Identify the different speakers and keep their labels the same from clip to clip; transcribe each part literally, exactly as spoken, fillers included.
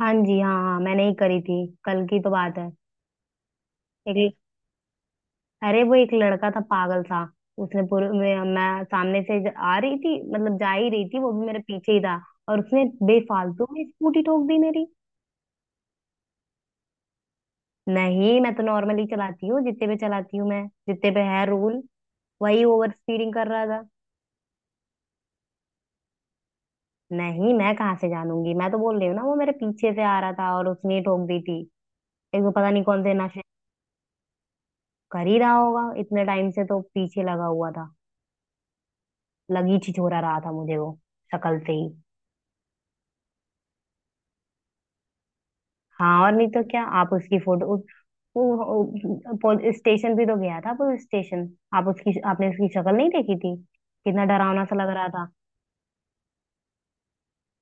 Speaker 1: हाँ जी, हाँ हाँ, मैंने ही करी थी। कल की तो बात है। हम्म, एक अरे वो एक लड़का था पागल सा। उसने पूरे मैं, मैं सामने से ज- आ रही थी, मतलब जा ही रही थी, वो भी मेरे पीछे ही था। और उसने बेफालतू में स्कूटी ठोक दी मेरी। नहीं, मैं तो नॉर्मली चलाती हूँ, जितने पे चलाती हूँ मैं, जितने पे है रूल। वही ओवर स्पीडिंग कर रहा था। नहीं, मैं कहाँ से जानूंगी। मैं तो बोल रही हूँ ना, वो मेरे पीछे से आ रहा था और उसने ही ठोक दी थी। एक तो पता नहीं कौन से नशे कर ही रहा होगा। इतने टाइम से तो पीछे लगा हुआ था। लगी छिछोरा रहा था मुझे वो, शक्ल से ही। हाँ, और नहीं तो क्या। आप उसकी फोटो उस, वो, वो पुलिस स्टेशन भी तो गया था, पुलिस स्टेशन। आप उसकी, आपने उसकी शक्ल नहीं देखी थी? कितना डरावना सा लग रहा था।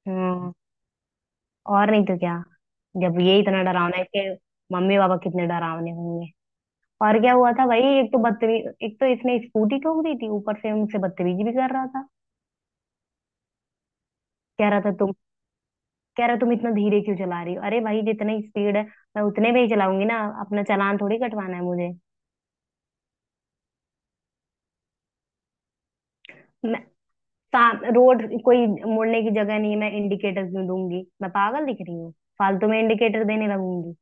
Speaker 1: हम्म। और नहीं तो क्या। जब ये इतना डरावना है, इसके मम्मी पापा कितने डरावने होंगे। और क्या हुआ था भाई, एक तो बदतमीज, एक तो इसने स्कूटी ठोक दी थी, ऊपर से मुझसे बदतमीजी भी कर रहा था। कह रहा था तुम, कह रहा तुम इतना धीरे क्यों चला रही हो। अरे भाई, जितनी स्पीड है मैं उतने में ही चलाऊंगी ना, अपना चालान थोड़ी कटवाना है मुझे। मैं साम रोड, कोई मुड़ने की जगह नहीं है, मैं इंडिकेटर क्यों दूंगी, मैं पागल दिख रही हूँ, फालतू में इंडिकेटर देने लगूंगी।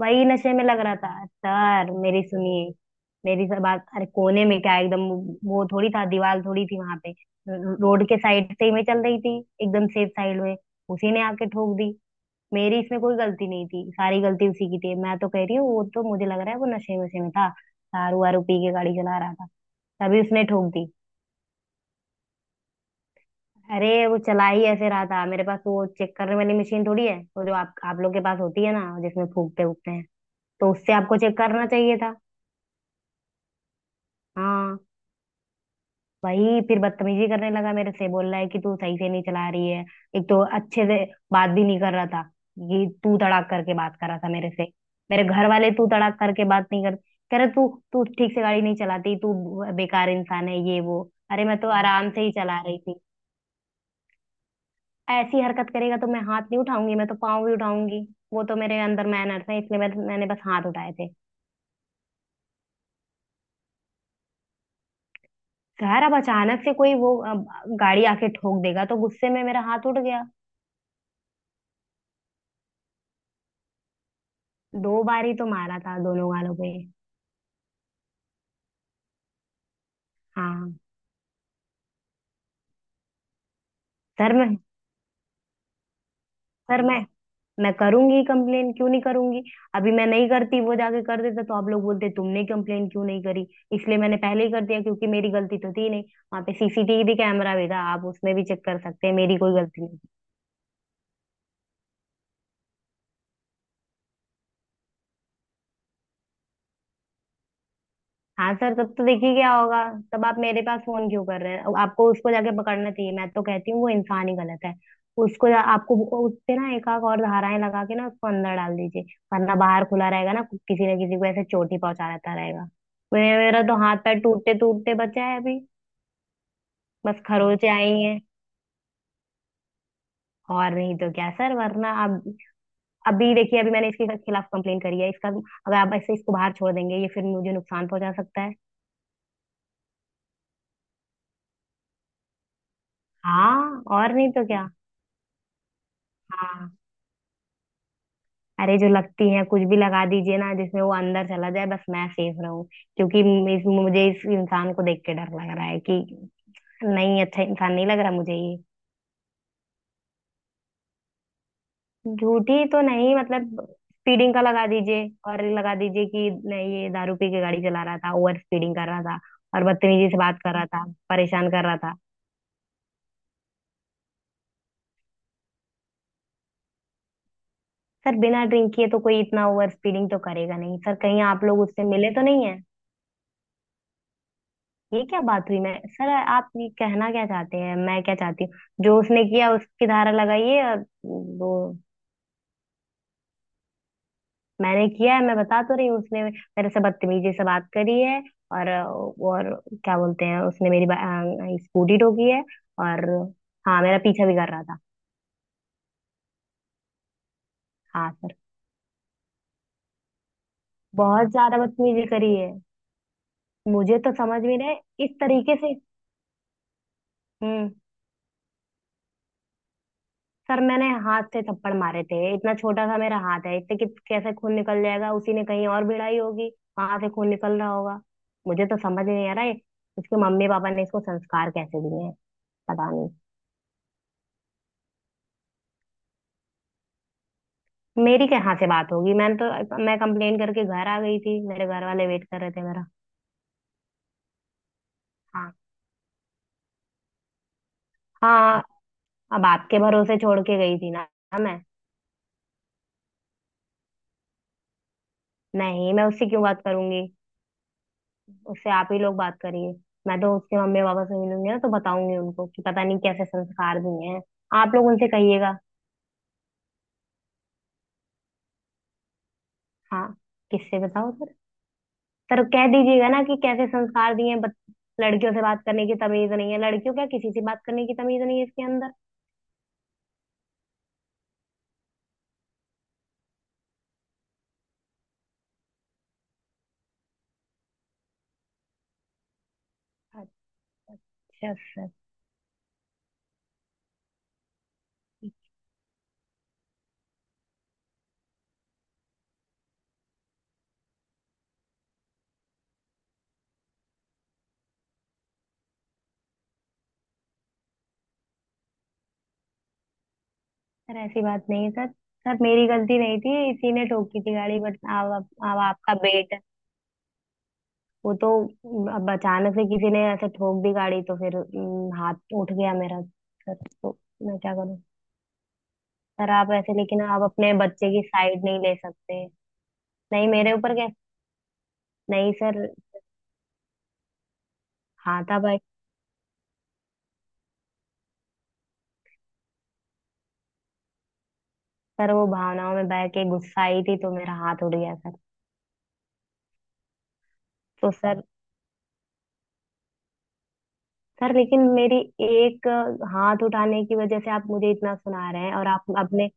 Speaker 1: वही नशे में लग रहा था सर, मेरी सुनिए, मेरी सब बात। अरे कोने में क्या, एकदम वो वो थोड़ी था, दीवार थोड़ी थी वहां पे। रो- रोड के साइड से ही मैं चल रही थी, एकदम सेफ साइड में। उसी ने आके ठोक दी। मेरी इसमें कोई गलती नहीं थी, सारी गलती उसी की थी। मैं तो कह रही हूँ, वो तो मुझे लग रहा है वो नशे वशे में था, दारू वारू पी के गाड़ी चला रहा था, तभी उसने ठोक दी। अरे वो चला ही ऐसे रहा था। मेरे पास तो वो चेक करने वाली मशीन थोड़ी है, वो जो आप आप लोग के पास होती है ना, जिसमें फूकते फूकते हैं। तो उससे आपको चेक करना चाहिए था। हाँ। वही फिर बदतमीजी करने लगा मेरे से। बोल रहा है कि तू सही से नहीं चला रही है। एक तो अच्छे से बात भी नहीं कर रहा था, ये तू तड़ाक करके बात कर रहा था मेरे से। मेरे घर वाले तू तड़ाक करके बात नहीं कर। कह रहे तू, तू ठीक से गाड़ी नहीं चलाती तू। बेकार इंसान है ये वो। अरे मैं तो आराम से ही चला रही थी। ऐसी हरकत करेगा तो मैं हाथ नहीं उठाऊंगी, मैं तो पाँव भी उठाऊंगी। वो तो मेरे अंदर मैनर्स है इसलिए मैं, मैंने बस हाथ उठाए थे। खैर अब अचानक से कोई वो अ, गाड़ी आके ठोक देगा तो गुस्से में मेरा हाथ उठ गया। दो बार ही तो मारा था, दोनों गालों पे। हाँ। सर मैं सर मैं मैं करूंगी कंप्लेन, क्यों नहीं करूंगी। अभी मैं नहीं करती, वो जाके कर देता तो आप लोग बोलते तुमने कंप्लेन क्यों नहीं करी। इसलिए मैंने पहले ही कर दिया, क्योंकि मेरी गलती तो थी नहीं। वहां पे सीसीटीवी कैमरा भी था, आप उसमें भी चेक कर सकते हैं, मेरी कोई गलती नहीं। हाँ सर, तब तो देखिए क्या होगा। तब आप मेरे पास फोन क्यों कर रहे हैं, अब आपको उसको जाके पकड़ना चाहिए। मैं तो कहती हूँ वो इंसान ही गलत है। उसको जा- आपको वो- उस पे ना एक आध और धाराएं लगा के ना उसको अंदर डाल दीजिए, वरना बाहर खुला रहेगा ना, किसी ना किसी को ऐसे चोट ही पहुंचा रहता रहेगा। मेरा मेरा तो हाथ पैर टूटते टूटते बचा है अभी। बस खरोचे आई हैं। और नहीं तो क्या सर, वरना अब, अभी देखिए, अभी मैंने इसके खिलाफ कंप्लेन करी है, इसका अगर आप ऐसे इसको बाहर छोड़ देंगे, ये फिर मुझे नुकसान पहुंचा सकता है। हाँ, और नहीं तो क्या। हाँ। अरे जो लगती है कुछ भी लगा दीजिए ना, जिसमें वो अंदर चला जाए, बस मैं सेफ रहूं। क्योंकि इस, मुझे इस इंसान को देख के डर लग रहा है कि नहीं, अच्छा इंसान नहीं लग रहा मुझे ये। झूठी तो नहीं, मतलब स्पीडिंग का लगा दीजिए, और लगा दीजिए कि नहीं ये दारू पी के गाड़ी चला रहा था, ओवर स्पीडिंग कर रहा था, और बदतमीजी से बात कर रहा था, परेशान कर रहा था। सर बिना ड्रिंक किए तो कोई इतना ओवर स्पीडिंग तो करेगा नहीं सर। कहीं आप लोग उससे मिले तो नहीं? ये क्या बात हुई। मैं, सर आप ये कहना क्या चाहते हैं मैं क्या चाहती हूँ। जो उसने किया उसकी धारा लगाइए और वो। मैंने किया है, मैं बता तो रही हूँ उसने मेरे से बदतमीजी से बात करी है। और और क्या बोलते हैं, उसने मेरी बा- अ, स्कूटी ठोकी है। और, हाँ, मेरा पीछा भी कर रहा था। हाँ सर, बहुत ज्यादा बदतमीजी करी है। मुझे तो समझ में नहीं, इस तरीके से। हम्म। सर मैंने हाथ से थप्पड़ मारे थे, इतना छोटा सा मेरा हाथ है, इतने कि कैसे खून निकल जाएगा। उसी ने कहीं और भिड़ाई होगी, वहां से खून निकल रहा होगा। मुझे तो समझ नहीं आ रहा है, इसके मम्मी पापा ने इसको संस्कार कैसे दिए हैं, पता नहीं। मेरी कहाँ से बात होगी, मैंने तो मैं कंप्लेन करके घर आ गई थी, मेरे घर वाले वेट कर रहे थे मेरा। हाँ। हाँ, अब आपके भरोसे छोड़ के गई थी ना मैं। नहीं, मैं उससे क्यों बात करूंगी। उससे आप ही लोग बात करिए। मैं तो उसके मम्मी पापा से मिलूंगी ना, तो बताऊंगी उनको कि पता नहीं कैसे संस्कार दिए हैं। आप लोग उनसे कहिएगा। हाँ। किससे बताओ सर। सर कह दीजिएगा ना कि कैसे संस्कार दिए हैं बत- लड़कियों से बात करने की तमीज नहीं है। लड़कियों क्या, किसी से बात करने की तमीज नहीं है इसके अंदर। अच्छा अच्छा सर। सर ऐसी बात नहीं है सर, सर मेरी गलती नहीं थी, इसी ने ठोकी थी गाड़ी। बट अब, अब अब आपका बेटा, वो तो। अब अचानक से किसी ने ऐसे ठोक दी गाड़ी तो फिर हम्म, हाथ उठ गया मेरा सर, तो मैं क्या करूं। सर आप ऐसे, लेकिन आप अपने बच्चे की साइड नहीं ले सकते। नहीं, मेरे ऊपर क्या। नहीं सर। हाँ था भाई। सर वो भावनाओं में बह के गुस्सा आई थी तो मेरा हाथ उठ गया सर। तो सर, सर लेकिन मेरी एक अ, हाथ उठाने की वजह से आप मुझे इतना सुना रहे हैं, और आप अपने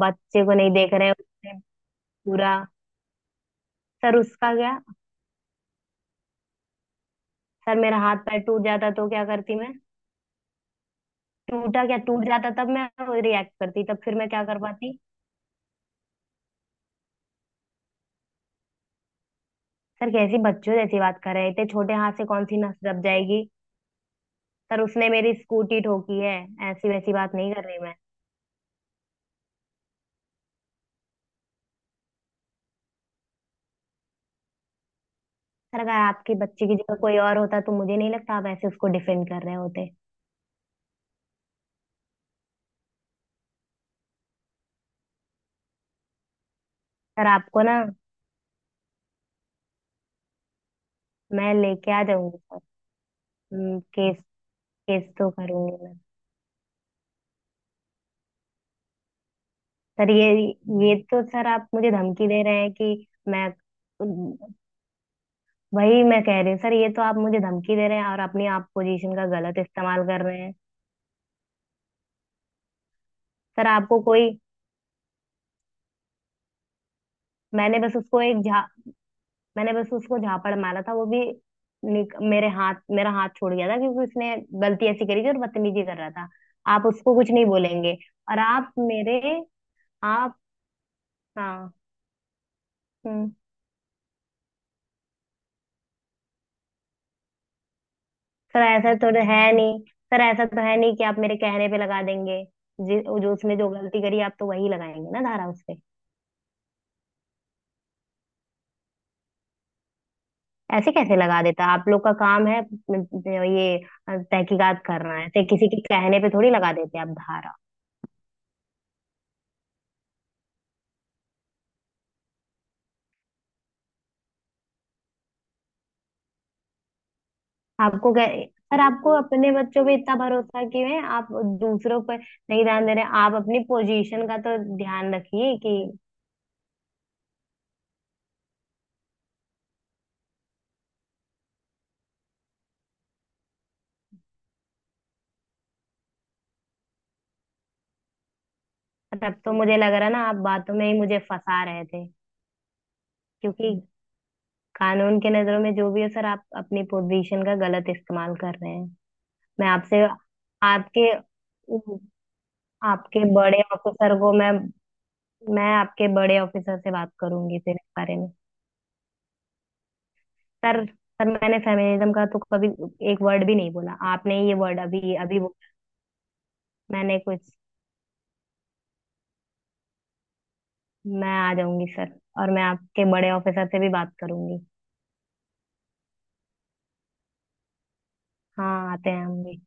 Speaker 1: बच्चे को नहीं देख रहे हैं। उसने पूरा। सर उसका क्या। सर मेरा हाथ पैर टूट जाता तो क्या करती मैं। टूटा क्या, टूट जाता तब मैं रिएक्ट करती, तब फिर मैं क्या कर पाती। सर कैसी बच्चों जैसी बात कर रहे हैं, इतने छोटे हाथ से कौन सी नस दब जाएगी। सर उसने मेरी स्कूटी ठोकी है। ऐसी वैसी बात नहीं कर रही मैं। सर अगर आपके बच्चे की जगह कोई और होता तो मुझे नहीं लगता आप ऐसे उसको डिफेंड कर रहे होते। सर आपको ना, मैं लेके आ जाऊंगी सर। हम्म। केस, केस तो करूंगी मैं। सर ये ये तो सर आप मुझे धमकी दे रहे हैं कि मैं। वही मैं कह रही हूँ सर, ये तो आप मुझे धमकी दे रहे हैं और अपनी आप पोजीशन का गलत इस्तेमाल कर रहे हैं। सर आपको कोई। मैंने बस उसको एक झा मैंने बस उसको झापड़ मारा था, वो भी निक, मेरे हाथ मेरा हाथ छूट गया था, क्योंकि उसने गलती ऐसी करी थी और बदतमीजी कर रहा था। आप उसको कुछ नहीं बोलेंगे और आप मेरे। आप। हाँ। हम्म। सर ऐसा तो है नहीं। सर ऐसा तो है नहीं कि आप मेरे कहने पे लगा देंगे। जि- जो उसने जो गलती करी आप तो वही लगाएंगे ना धारा उसपे। ऐसे कैसे लगा देता, आप लोग का काम है ये तहकीकात करना है, ऐसे किसी के कहने पे थोड़ी लगा देते आप धारा। आपको क्या। सर आपको अपने बच्चों पे इतना भरोसा क्यों है, आप दूसरों पर नहीं ध्यान दे रहे। आप अपनी पोजीशन का तो ध्यान रखिए कि, तब तो मुझे लग रहा ना आप बातों में ही मुझे फंसा रहे थे। क्योंकि कानून के नजरों में जो भी हो सर, आप अपनी पोजीशन का गलत इस्तेमाल कर रहे हैं। मैं आपसे, आपके, आपके बड़े ऑफिसर को मैं मैं आपके बड़े ऑफिसर से बात करूंगी फिर इस बारे में। सर, सर मैंने फेमिनिज्म का तो कभी एक वर्ड भी नहीं बोला, आपने ये वर्ड अभी अभी वो। मैंने कुछ, मैं आ जाऊंगी सर, और मैं आपके बड़े ऑफिसर से भी बात करूंगी। हाँ, आते हैं हम भी।